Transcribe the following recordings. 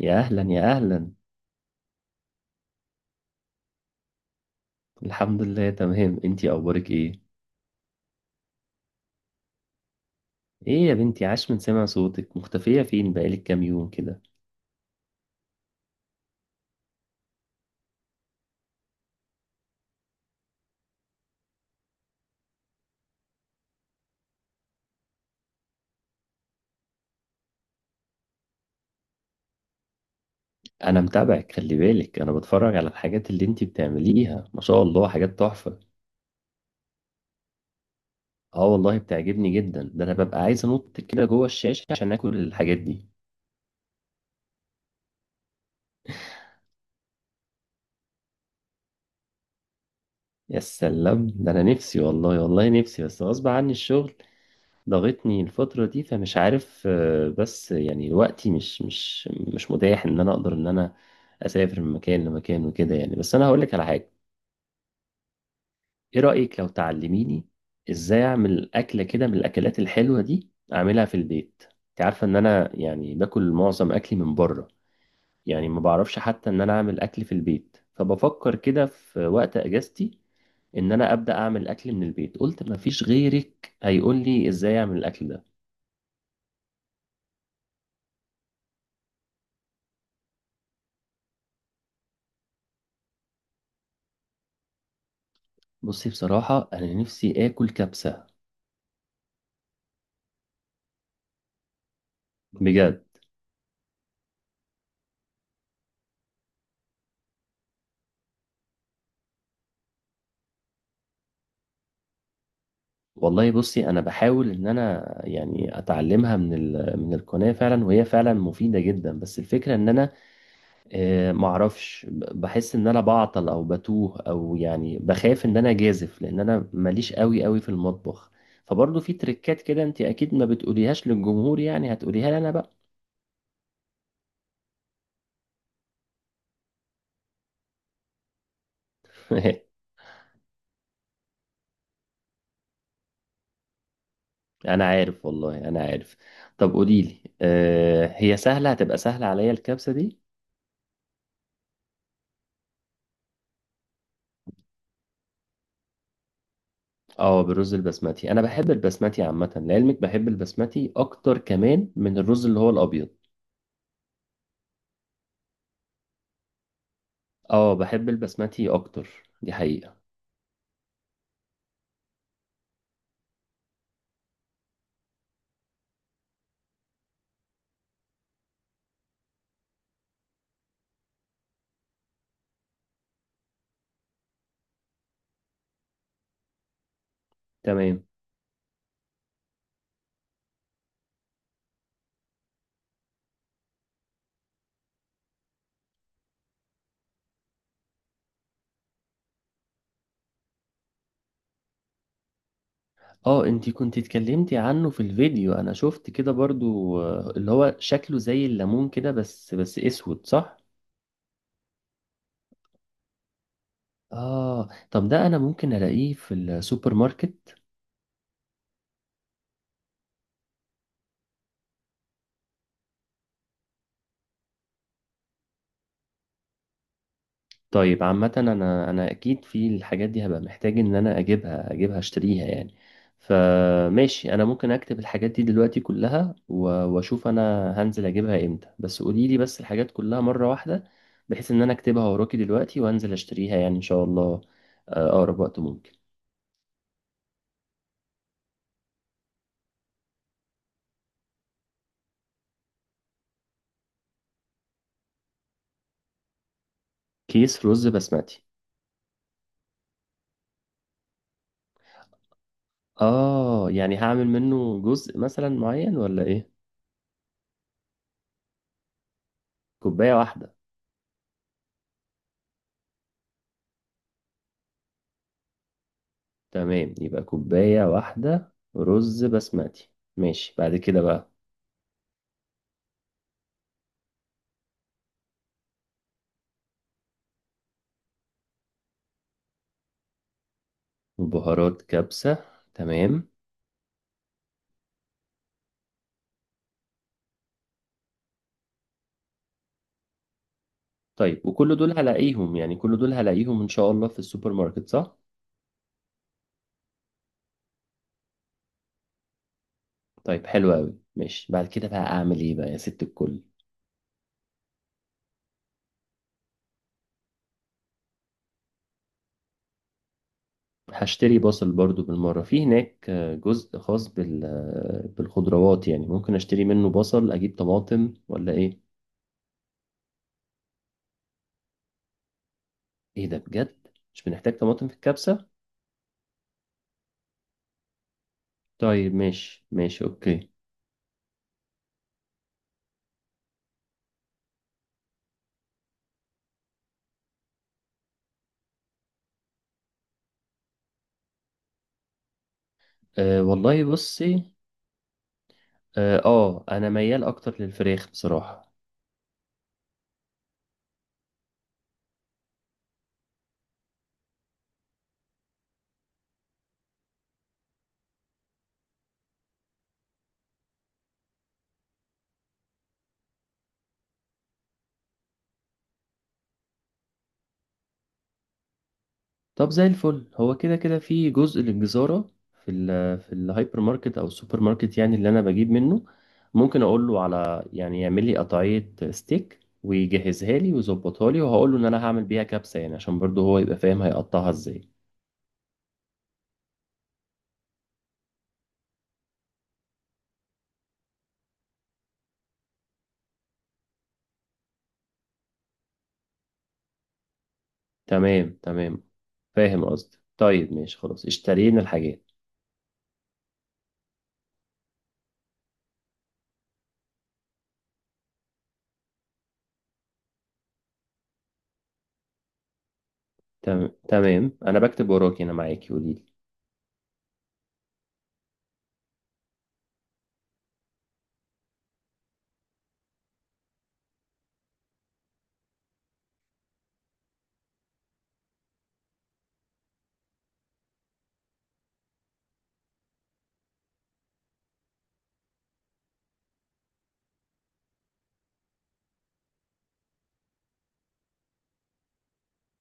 يا اهلا يا اهلا. الحمد لله تمام، انتي اخبارك ايه؟ ايه يا بنتي، عاش من سمع صوتك، مختفية فين بقالك كام يوم كده؟ انا متابعك، خلي بالك، انا بتفرج على الحاجات اللي انتي بتعمليها، ما شاء الله، حاجات تحفة. اه والله بتعجبني جدا، ده انا ببقى عايز انط كده جوه الشاشة عشان اكل الحاجات دي. يا سلام، ده انا نفسي والله، والله نفسي، بس غصب عني الشغل ضاغطني الفترة دي، فمش عارف، بس يعني وقتي مش مش متاح ان انا اقدر ان انا اسافر من مكان لمكان وكده يعني. بس انا هقول لك على حاجة، ايه رأيك لو تعلميني ازاي اعمل اكلة كده من الاكلات الحلوة دي، اعملها في البيت. انت عارفة ان انا يعني باكل معظم اكلي من بره، يعني ما بعرفش حتى ان انا اعمل اكل في البيت، فبفكر كده في وقت اجازتي ان انا ابدا اعمل اكل من البيت. قلت ما فيش غيرك هيقول لي ازاي اعمل الاكل ده. بصي، بصراحة أنا نفسي آكل كبسة. بجد. والله بصي أنا بحاول إن أنا يعني أتعلمها من القناة فعلا، وهي فعلا مفيدة جدا، بس الفكرة إن أنا، معرفش، بحس إن أنا بعطل أو بتوه، أو يعني بخاف إن أنا جازف، لأن أنا ماليش قوي قوي في المطبخ. فبرضه في تريكات كده أنت أكيد ما بتقوليهاش للجمهور، يعني هتقوليها لي أنا بقى. أنا عارف، والله أنا عارف. طب قوليلي، هي سهلة؟ هتبقى سهلة عليا الكبسة دي؟ اه بالرز البسمتي، انا بحب البسمتي عامه لعلمك، بحب البسمتي اكتر كمان من الرز اللي هو الابيض. اه بحب البسمتي اكتر، دي حقيقه. تمام. اه انتي كنتي اتكلمتي عنه في الفيديو، انا شفت كده برضو، اللي هو شكله زي الليمون كده، بس بس اسود، صح؟ اه طب ده انا ممكن الاقيه في السوبر ماركت؟ طيب عامة انا، انا اكيد في الحاجات دي هبقى محتاج ان انا اجيبها، اجيبها اشتريها يعني. فماشي، انا ممكن اكتب الحاجات دي دلوقتي كلها واشوف انا هنزل اجيبها امتى. بس قولي لي بس الحاجات كلها مرة واحدة، بحيث ان انا اكتبها وراكي دلوقتي وانزل اشتريها يعني، ان شاء الله اقرب وقت ممكن. كيس رز بسمتي؟ اه يعني هعمل منه جزء مثلا معين ولا ايه؟ كوباية واحدة. تمام، يبقى كوباية واحدة رز بسمتي. ماشي، بعد كده بقى؟ وبهارات كبسة. تمام. طيب وكل دول هلاقيهم، يعني كل دول هلاقيهم إن شاء الله في السوبر ماركت، صح؟ طيب حلو أوي، ماشي. بعد كده بقى أعمل إيه بقى يا ست الكل؟ هشتري بصل برضو بالمرة، في هناك جزء خاص بال، بالخضروات يعني، ممكن أشتري منه بصل، أجيب طماطم ولا إيه؟ إيه ده بجد؟ مش بنحتاج طماطم في الكبسة؟ طيب ماشي ماشي، أوكي. أه والله بصي. اه انا ميال اكتر للفراخ بصراحة. طب زي الفل، هو كده كده في جزء للجزارة في ال، في الهايبر ماركت او السوبر ماركت يعني، اللي انا بجيب منه، ممكن اقول له على يعني يعمل لي قطعية ستيك ويجهزها لي ويظبطها لي، وهقول له ان انا هعمل بيها كبسة، يعني عشان برضه هو يبقى فاهم هيقطعها ازاي. تمام تمام، فاهم قصدي. طيب ماشي، خلاص اشترينا الحاجات. تمام، انا بكتب وراكي، انا معاكي، قولي لي.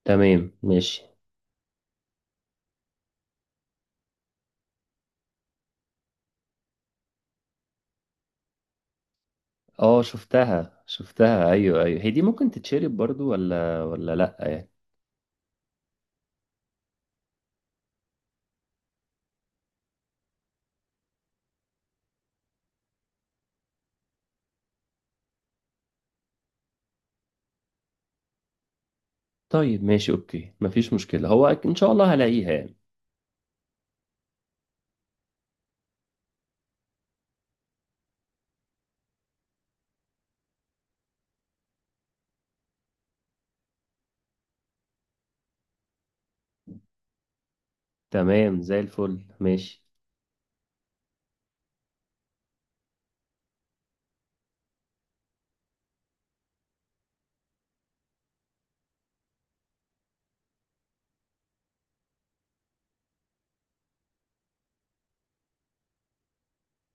تمام ماشي. اه شفتها شفتها، ايوه ايوه هي دي. ممكن تتشرب برضو ولا ولا لا؟ طيب ماشي اوكي، مفيش مشكلة، ان شاء الله هلاقيها يعني. تمام زي الفل، ماشي.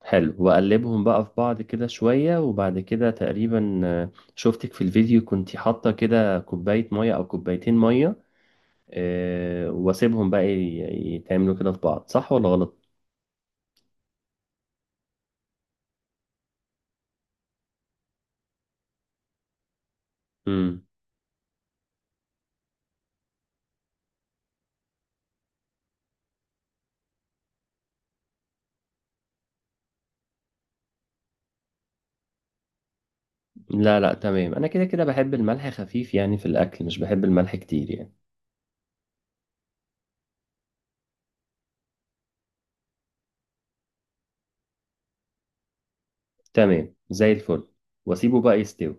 حلو، وأقلبهم بقى في بعض كده شوية، وبعد كده تقريبا، شفتك في الفيديو كنتي حاطة كده كوباية مية أو كوبايتين مية، وأسيبهم بقى يتعملوا كده في بعض، صح ولا غلط؟ مم. لا لا تمام، أنا كده كده بحب الملح خفيف يعني في الأكل، مش بحب الملح كتير يعني. تمام زي الفل، وأسيبه بقى يستوي.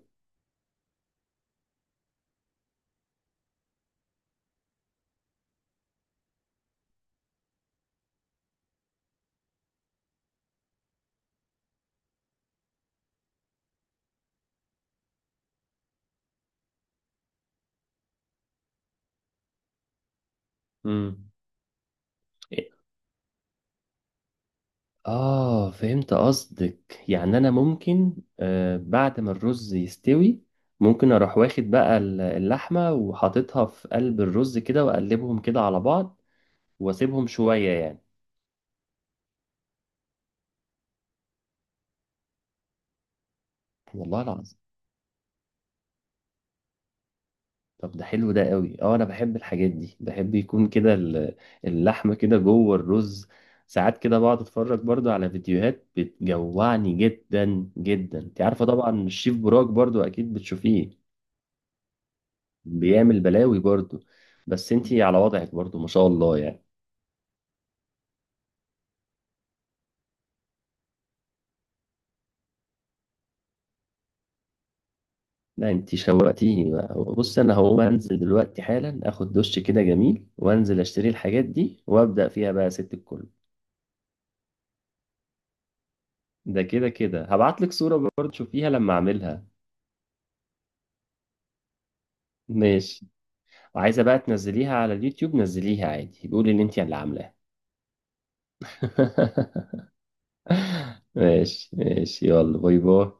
مم. آه فهمت قصدك، يعني أنا ممكن آه بعد ما الرز يستوي، ممكن أروح واخد بقى اللحمة وحاططها في قلب الرز كده، وأقلبهم كده على بعض وأسيبهم شوية يعني. والله العظيم. طب ده حلو، ده قوي. اه انا بحب الحاجات دي، بحب يكون كده اللحمه كده جوه الرز. ساعات كده بقعد اتفرج برضو على فيديوهات بتجوعني جدا جدا، انت عارفه طبعا الشيف براك برضو، اكيد بتشوفيه. بيعمل بلاوي برضو، بس انتي على وضعك برضو ما شاء الله يعني. لا انتي شوقتيني بقى، بص انا هقوم انزل دلوقتي حالا، اخد دش كده جميل وانزل اشتري الحاجات دي وابدا فيها بقى يا ست الكل. ده كده كده هبعت لك صورة برضو تشوفيها لما اعملها. ماشي. وعايزة بقى تنزليها على اليوتيوب، نزليها عادي، قولي ان انتي اللي عاملاها. ماشي ماشي، يلا باي باي.